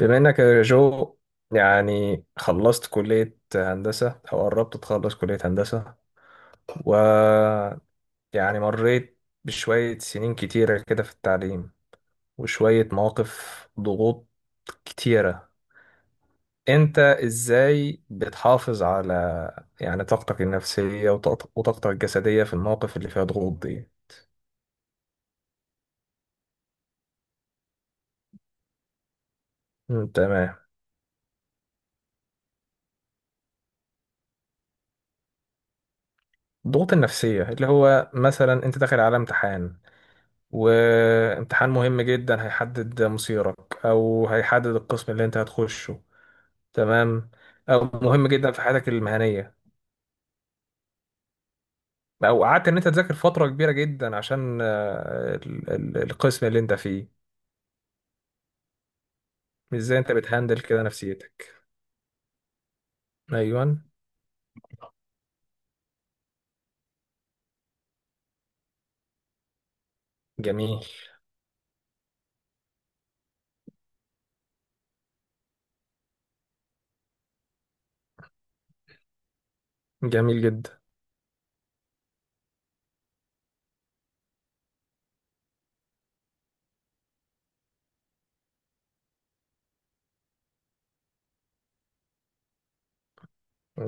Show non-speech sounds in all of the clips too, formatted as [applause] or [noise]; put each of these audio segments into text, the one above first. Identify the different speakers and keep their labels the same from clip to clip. Speaker 1: بما انك يا جو، خلصت كلية هندسة او قربت تخلص كلية هندسة، و مريت بشوية سنين كتيرة كده في التعليم وشوية مواقف ضغوط كتيرة. انت ازاي بتحافظ على طاقتك النفسية وطاقتك الجسدية في المواقف اللي فيها ضغوط دي؟ تمام. الضغوط النفسية اللي هو مثلا انت داخل على امتحان، وامتحان مهم جدا هيحدد مصيرك او هيحدد القسم اللي انت هتخشه، تمام؟ او مهم جدا في حياتك المهنية، او قعدت ان انت تذاكر فترة كبيرة جدا عشان القسم اللي انت فيه. ازاي انت بتهندل كده نفسيتك؟ ايوه. جميل. جميل جدا.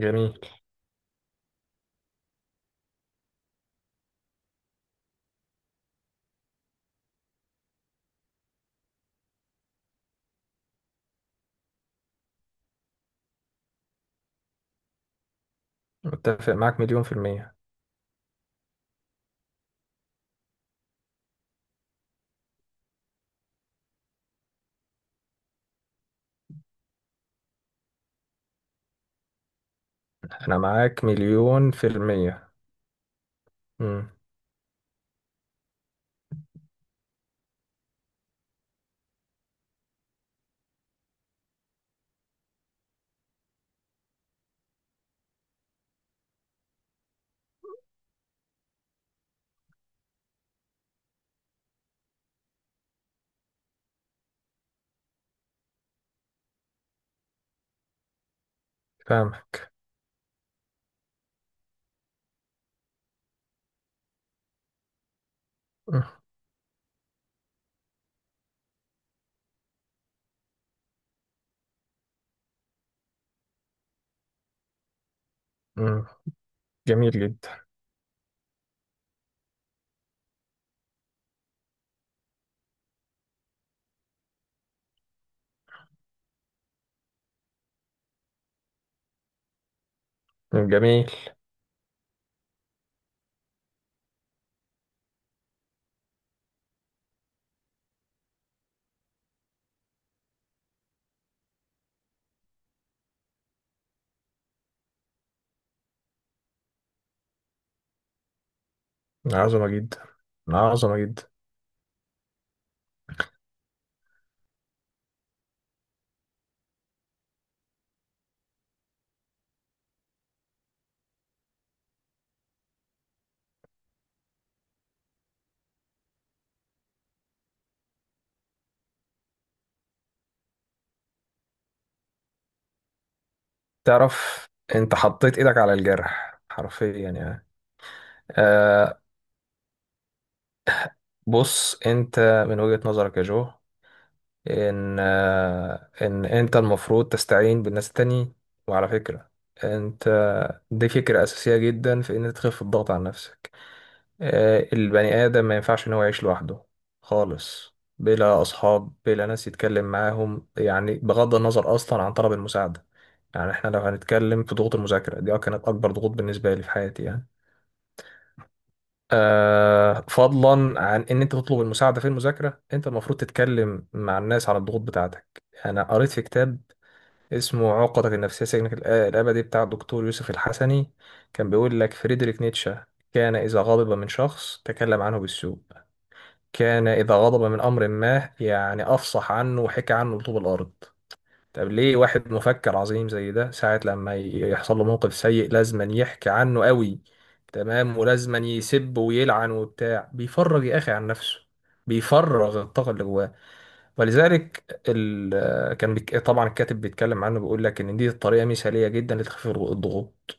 Speaker 1: جميل. متفق معاك مليون في المية. انا معاك مليون في المية. امم. فاهمك. مم. مم. جميل جدا. جميل. عظمة جدا، عظمة جدا. تعرف انت حطيت ايدك على الجرح حرفيا يعني. آه. بص انت، من وجهة نظرك يا جو، ان انت المفروض تستعين بالناس التانيين، وعلى فكرة انت، دي فكرة اساسية جدا في ان انت تخف الضغط عن نفسك. آه، البني ادم ما ينفعش ان هو يعيش لوحده خالص، بلا اصحاب بلا ناس يتكلم معاهم، بغض النظر اصلا عن طلب المساعدة. احنا لو هنتكلم في ضغوط المذاكرة دي، أه كانت اكبر ضغوط بالنسبة لي في حياتي يعني. آه، فضلا عن ان انت تطلب المساعده في المذاكره، انت المفروض تتكلم مع الناس على الضغوط بتاعتك. انا قريت في كتاب اسمه عقدك النفسيه سجنك الابدي، بتاع الدكتور يوسف الحسني. كان بيقول لك فريدريك نيتشه كان اذا غضب من شخص تكلم عنه بالسوء، كان اذا غضب من امر ما افصح عنه وحكى عنه لطوب الارض. طب ليه واحد مفكر عظيم زي ده ساعة لما يحصل له موقف سيء لازما يحكي عنه قوي؟ تمام، ولازما يسب ويلعن وبتاع. بيفرغ يا أخي عن نفسه، بيفرغ الطاقة اللي جواه. ولذلك طبعا الكاتب بيتكلم عنه بيقول لك إن دي الطريقة مثالية جدا لتخفيف الضغوط.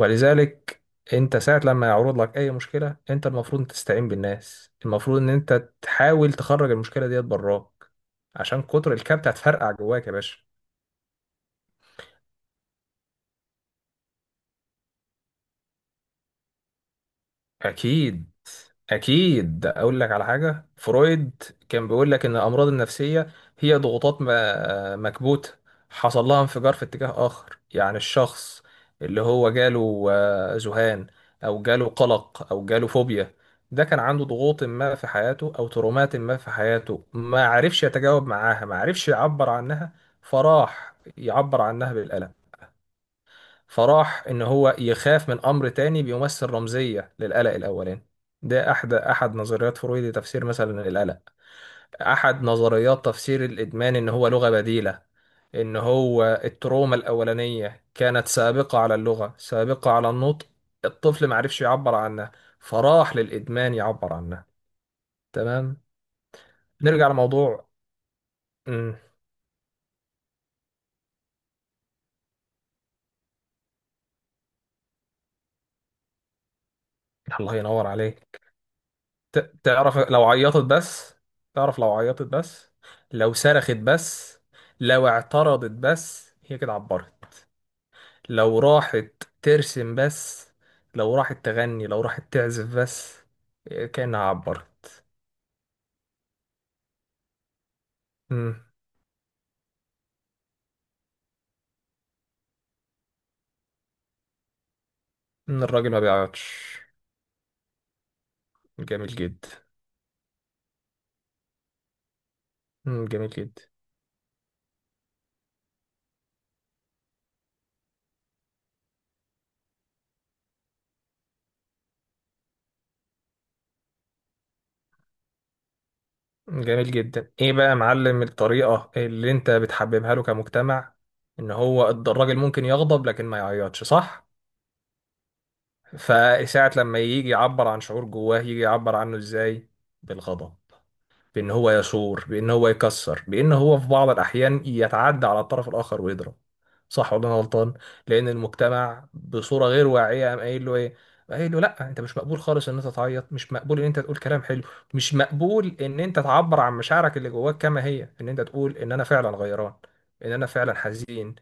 Speaker 1: ولذلك انت ساعة لما يعرض لك اي مشكلة، انت المفروض تستعين بالناس، المفروض ان انت تحاول تخرج المشكلة ديت براك، عشان كتر الكبت هتفرقع جواك يا باشا. أكيد، أكيد. أقول لك على حاجة، فرويد كان بيقول لك إن الأمراض النفسية هي ضغوطات مكبوتة حصل لها انفجار في اتجاه آخر. يعني الشخص اللي هو جاله ذهان أو جاله قلق أو جاله فوبيا، ده كان عنده ضغوط ما في حياته أو ترومات ما في حياته ما عرفش يتجاوب معاها، ما عرفش يعبر عنها، فراح يعبر عنها بالألم. فراح ان هو يخاف من امر تاني بيمثل رمزيه للقلق الاولاني. ده احد نظريات فرويد لتفسير مثلا القلق. احد نظريات تفسير الادمان ان هو لغه بديله، ان هو التروما الاولانيه كانت سابقه على اللغه، سابقه على النطق، الطفل ما عرفش يعبر عنها، فراح للادمان يعبر عنها. تمام. نرجع لموضوع. مم. الله ينور عليك. ت- تعرف لو عيطت بس، تعرف لو عيطت بس، لو صرخت بس، لو اعترضت بس، هي كده عبرت. لو راحت ترسم بس، لو راحت تغني، لو راحت تعزف بس، إيه، كأنها عبرت. مم. إن الراجل ما بيعيطش. جميل جدا. مم، جميل جدا. جميل جدا. ايه بقى يا معلم الطريقة اللي انت بتحببها له كمجتمع؟ ان هو الراجل ممكن يغضب لكن ما يعيطش، صح؟ فساعة لما يجي يعبر عن شعور جواه، يجي يعبر عنه ازاي؟ بالغضب، بان هو يثور، بان هو يكسر، بان هو في بعض الاحيان يتعدى على الطرف الاخر ويضرب. صح ولا انا غلطان؟ لان المجتمع بصوره غير واعيه قام قايل له ايه؟ قايل له لا، انت مش مقبول خالص ان انت تعيط، مش مقبول ان انت تقول كلام حلو، مش مقبول ان انت تعبر عن مشاعرك اللي جواك كما هي، ان انت تقول ان انا فعلا غيران، ان انا فعلا حزين،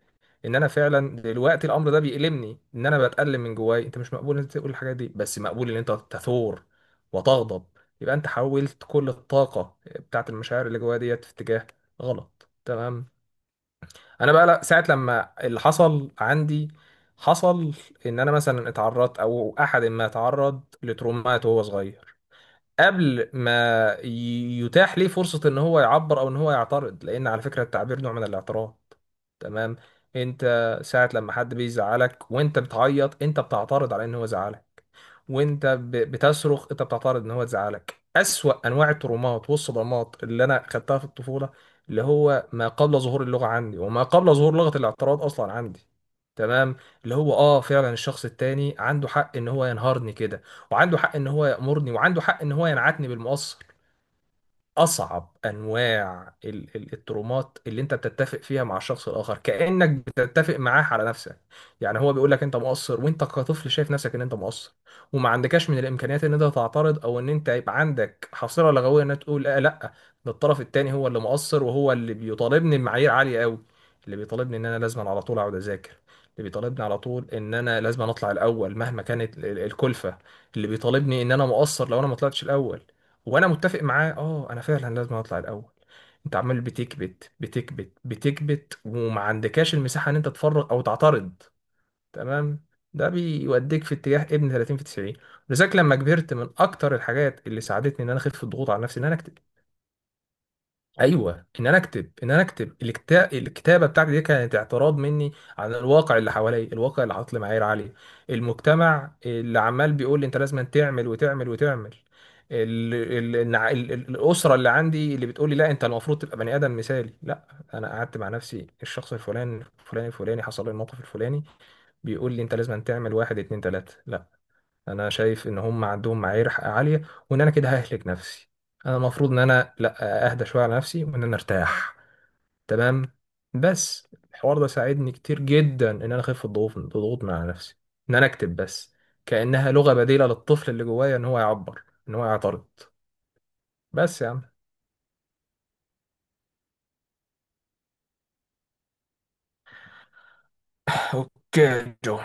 Speaker 1: ان انا فعلا دلوقتي الامر ده بيألمني، ان انا بتألم من جواي. انت مش مقبول ان انت تقول الحاجات دي، بس مقبول ان انت تثور وتغضب. يبقى انت حولت كل الطاقة بتاعت المشاعر اللي جوايا ديت في اتجاه غلط. تمام. انا بقى لا، ساعه لما اللي حصل عندي حصل، ان انا مثلا اتعرضت او احد ما اتعرض لترومات وهو صغير، قبل ما يتاح ليه فرصة ان هو يعبر او ان هو يعترض، لان على فكرة التعبير نوع من الاعتراض. تمام. انت ساعة لما حد بيزعلك وانت بتعيط، انت بتعترض على ان هو زعلك. وانت بتصرخ، انت بتعترض ان هو زعلك. اسوأ انواع الترومات والصدمات اللي انا خدتها في الطفولة اللي هو ما قبل ظهور اللغة عندي، وما قبل ظهور لغة الاعتراض اصلا عندي، تمام، اللي هو اه فعلا الشخص التاني عنده حق ان هو ينهارني كده، وعنده حق ان هو يأمرني، وعنده حق ان هو ينعتني بالمقص. اصعب انواع الترومات اللي انت بتتفق فيها مع الشخص الاخر، كانك بتتفق معاه على نفسك. يعني هو بيقول لك انت مقصر، وانت كطفل شايف نفسك ان انت مقصر، وما عندكش من الامكانيات ان انت تعترض، او ان انت يبقى عندك حصيله لغويه ان أنت تقول لا، لا، ده الطرف التاني هو اللي مقصر، وهو اللي بيطالبني بمعايير عاليه قوي، اللي بيطالبني ان انا لازم على طول اقعد اذاكر، اللي بيطالبني على طول ان انا لازم اطلع الاول مهما كانت الكلفه، اللي بيطالبني ان انا مقصر لو انا ما طلعتش الاول، وانا متفق معاه. اه انا فعلا لازم اطلع الاول. انت عمال بتكبت، بتكبت، بتكبت، وما عندكاش المساحه ان انت تفرغ او تعترض. تمام. ده بيوديك في اتجاه ابن 30 في 90. لذلك لما كبرت، من اكتر الحاجات اللي ساعدتني ان انا اخف الضغوط على نفسي ان انا اكتب. ايوه، ان انا اكتب. ان انا اكتب. الكتابه بتاعتي دي كانت اعتراض مني عن الواقع اللي حواليا، الواقع اللي حاطط لي معايير عاليه، المجتمع اللي عمال بيقول لي انت لازم تعمل وتعمل وتعمل، ال... ال... النع- ال... ال- الاسره اللي عندي اللي بتقول لي لا انت المفروض تبقى بني ادم مثالي. لا، انا قعدت مع نفسي، الشخص الفلاني الفلاني الفلاني حصل له الموقف الفلاني، بيقول لي انت لازم تعمل واحد اتنين تلاته. لا، انا شايف ان هم عندهم معايير عاليه، وان انا كده ههلك نفسي. انا المفروض ان انا لا، اهدى شويه على نفسي وان انا ارتاح. تمام. بس الحوار ده ساعدني كتير جدا ان انا اخف الضغوط من على نفسي، ان انا اكتب بس، كانها لغه بديله للطفل اللي جوايا ان هو يعبر، ان هو يعترض. بس يا عم [laughs] اوكي جو.